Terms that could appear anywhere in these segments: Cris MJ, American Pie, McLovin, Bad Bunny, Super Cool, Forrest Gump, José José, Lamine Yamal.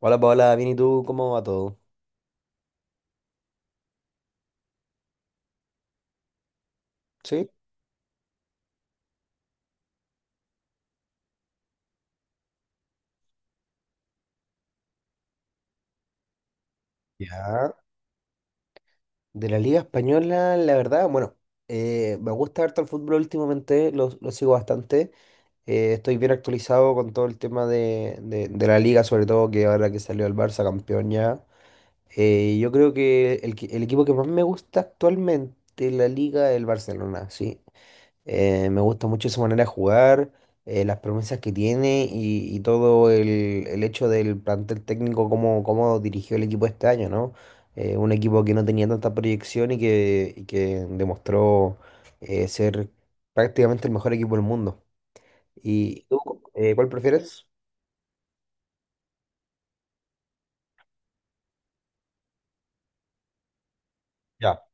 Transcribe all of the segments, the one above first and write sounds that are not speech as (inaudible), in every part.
Hola Paola, bien y tú, ¿cómo va todo? Sí, ya. De la Liga Española, la verdad, bueno, me gusta harto el fútbol últimamente, lo sigo bastante. Estoy bien actualizado con todo el tema de la Liga, sobre todo que ahora que salió el Barça campeón ya. Yo creo que el equipo que más me gusta actualmente en la Liga es el Barcelona, sí. Me gusta mucho su manera de jugar, las promesas que tiene y todo el hecho del plantel técnico, cómo dirigió el equipo este año, ¿no? Un equipo que no tenía tanta proyección y que demostró ser prácticamente el mejor equipo del mundo. ¿Y tú, cuál prefieres? Ya,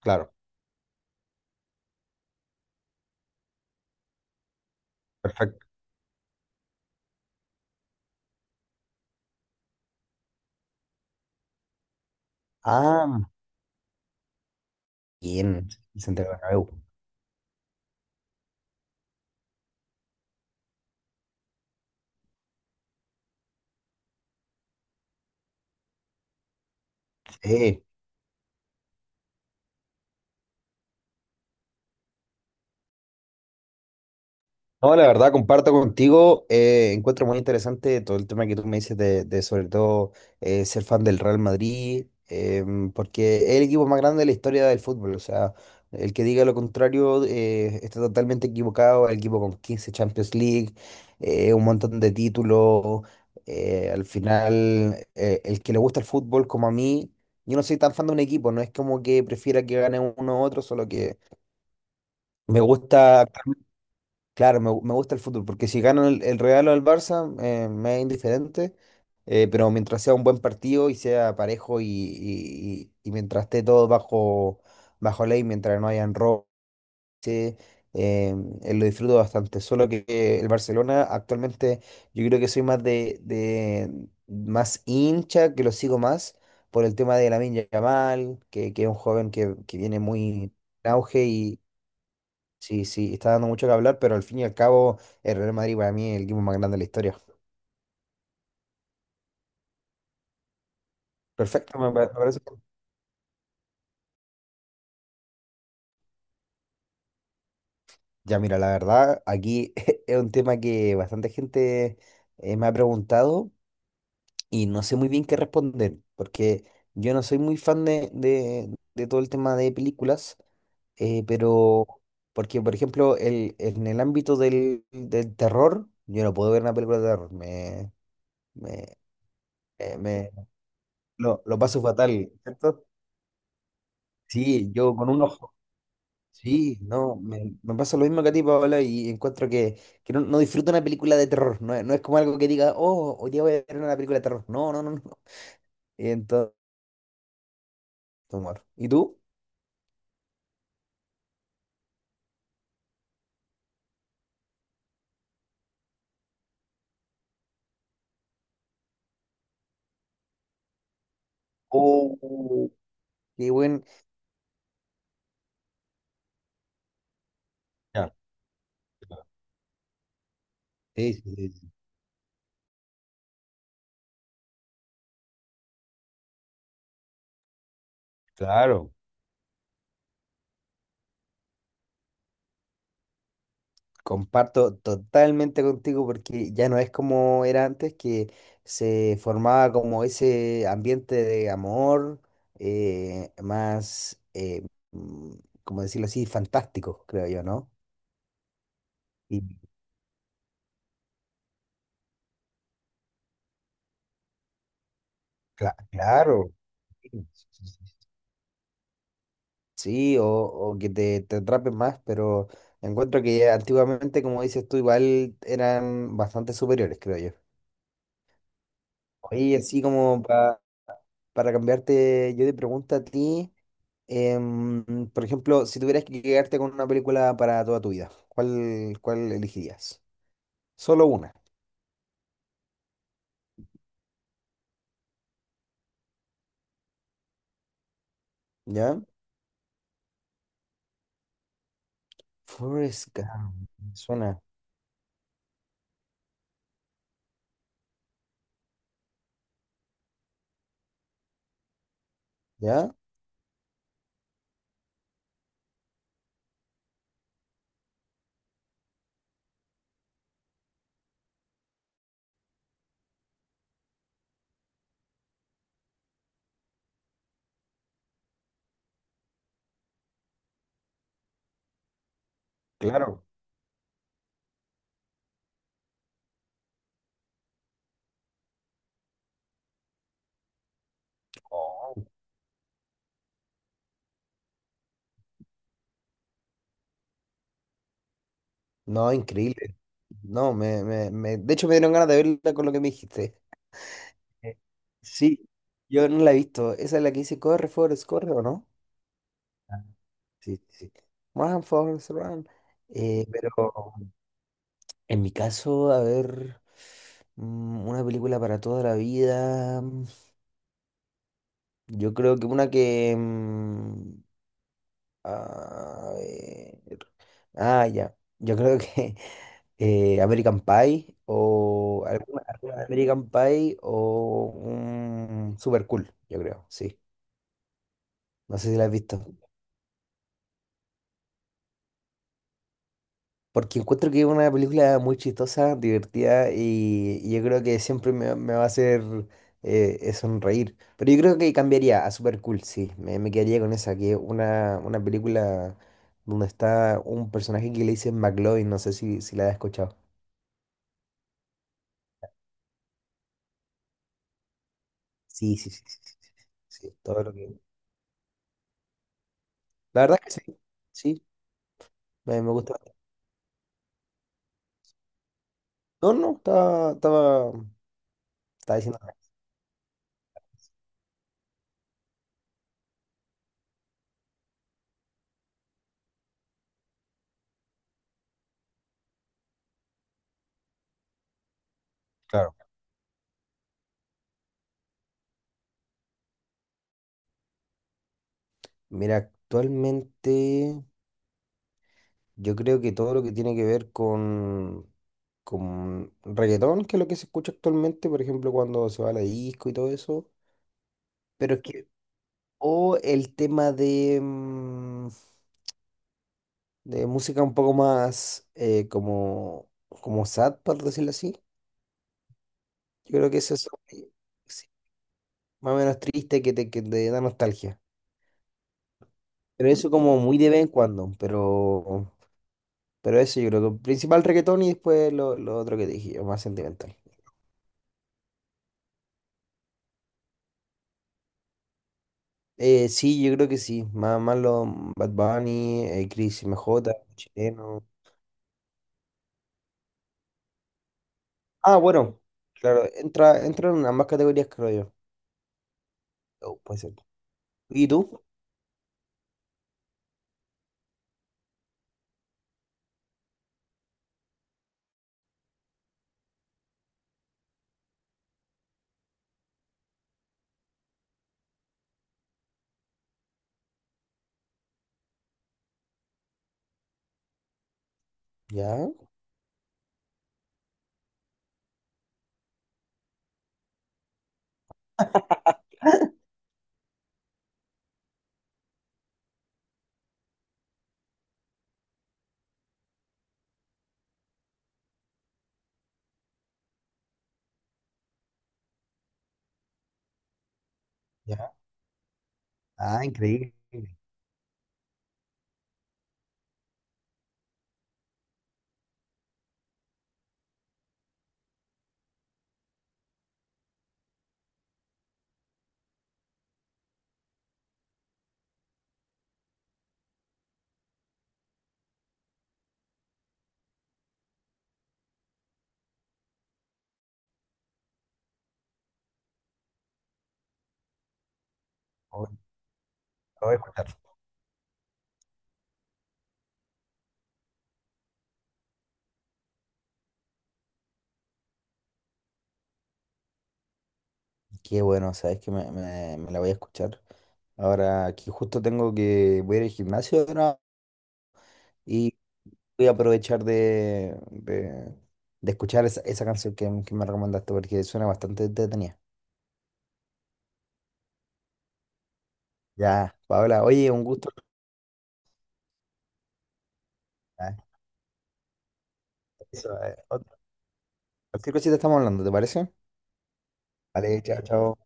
claro, perfecto. Ah, bien. Santiago Bernabéu. Sí. No, la verdad, comparto contigo. Encuentro muy interesante todo el tema que tú me dices de sobre todo ser fan del Real Madrid, porque es el equipo más grande de la historia del fútbol. O sea, el que diga lo contrario está totalmente equivocado. El equipo con 15 Champions League, un montón de títulos. Al final, el que le gusta el fútbol, como a mí, yo no soy tan fan de un equipo. No es como que prefiera que gane uno u otro, solo que me gusta. Claro, me gusta el fútbol, porque si gano el Real o el Barça, me es indiferente, pero mientras sea un buen partido y sea parejo y mientras esté todo bajo, bajo ley, mientras no hayan roces, eh, eh, lo disfruto bastante. Solo que el Barcelona actualmente yo creo que soy más más hincha, que lo sigo más por el tema de Lamine Yamal, que es un joven que viene muy en auge. Sí, sí, está dando mucho que hablar, pero al fin y al cabo, el Real Madrid para mí es el equipo más grande de la historia. Perfecto, me parece. Ya, mira, la verdad, aquí (laughs) es un tema que bastante gente me ha preguntado y no sé muy bien qué responder, porque yo no soy muy fan de todo el tema de películas, pero porque, por ejemplo, el, en el ámbito del terror, yo no puedo ver una película de terror, me, me- me- lo paso fatal, ¿cierto? Sí, yo con un ojo. Sí, no, me pasa lo mismo que a ti, Paola, y encuentro que no, no disfruto una película de terror. No, es no es como algo que diga, oh, hoy día voy a ver una película de terror. No, no, no, no. Entonces, humor. ¿Y tú? Oh, qué buen. Ya, claro. Sí, sí, sí, sí. Claro. Comparto totalmente contigo porque ya no es como era antes, que se formaba como ese ambiente de amor eh, más, eh, mm, como decirlo así, fantástico, creo yo, ¿no? Claro. Sí, sí, sí. Sí, o que te atrapen más, pero encuentro que antiguamente, como dices tú, igual eran bastante superiores, creo yo. Oye, así como para cambiarte yo de pregunta a ti, por ejemplo, si tuvieras que quedarte con una película para toda tu vida, ¿ cuál elegirías? Solo una, ¿ya? Forrest Gump, suena, ¿ya? Claro. No, increíble. No, de hecho me dieron ganas de verla con lo que me dijiste. Eh, Sí, yo no la he visto. Esa es la que dice corre, Forrest, corre, ¿o no? Ah. Sí, sí. Run, Forrest, run. Pero en mi caso, a ver, una película para toda la vida. Yo creo que una que... a ver, ah, ya. Yo creo que (laughs) American Pie o alguna, alguna de American Pie o un Super Cool, yo creo, sí. No sé si la has visto. Porque encuentro que es una película muy chistosa, divertida y yo creo que siempre me va a hacer sonreír. Pero yo creo que cambiaría a Super Cool, sí. Me quedaría con esa, que es una película donde está un personaje que le dicen McLovin, no sé si, si la has escuchado. Sí, sí, sí, sí, sí, sí, sí, todo lo que... La verdad es que sí, sí, me gusta. No, no, estaba diciendo. Claro. Mira, actualmente yo creo que todo lo que tiene que ver con reggaetón, que es lo que se escucha actualmente, por ejemplo, cuando se va a la disco y todo eso, pero es que, o el tema de música un poco más como, como sad, por decirlo así, yo creo que eso es sí, más o menos triste que te da nostalgia. Pero eso como muy de vez en cuando, pero... Pero eso yo creo que principal reggaetón y después lo otro que te dije yo, más sentimental. Sí, yo creo que sí. Más, más los Bad Bunny, Cris MJ, chileno. Ah, bueno, claro, entra en ambas categorías, creo yo. Oh, puede ser. ¿Y tú? Ya, ya. Ah, increíble. Oh, lo voy a escuchar. Qué bueno, sabes que me la voy a escuchar. Ahora, aquí justo tengo que voy a ir al gimnasio ahora. Voy a aprovechar de escuchar esa, esa canción que me recomendaste porque suena bastante entretenida. Ya, Paola, oye, un gusto. Ah, eso, cualquier cosita estamos hablando, ¿te parece? Vale, chao, chao.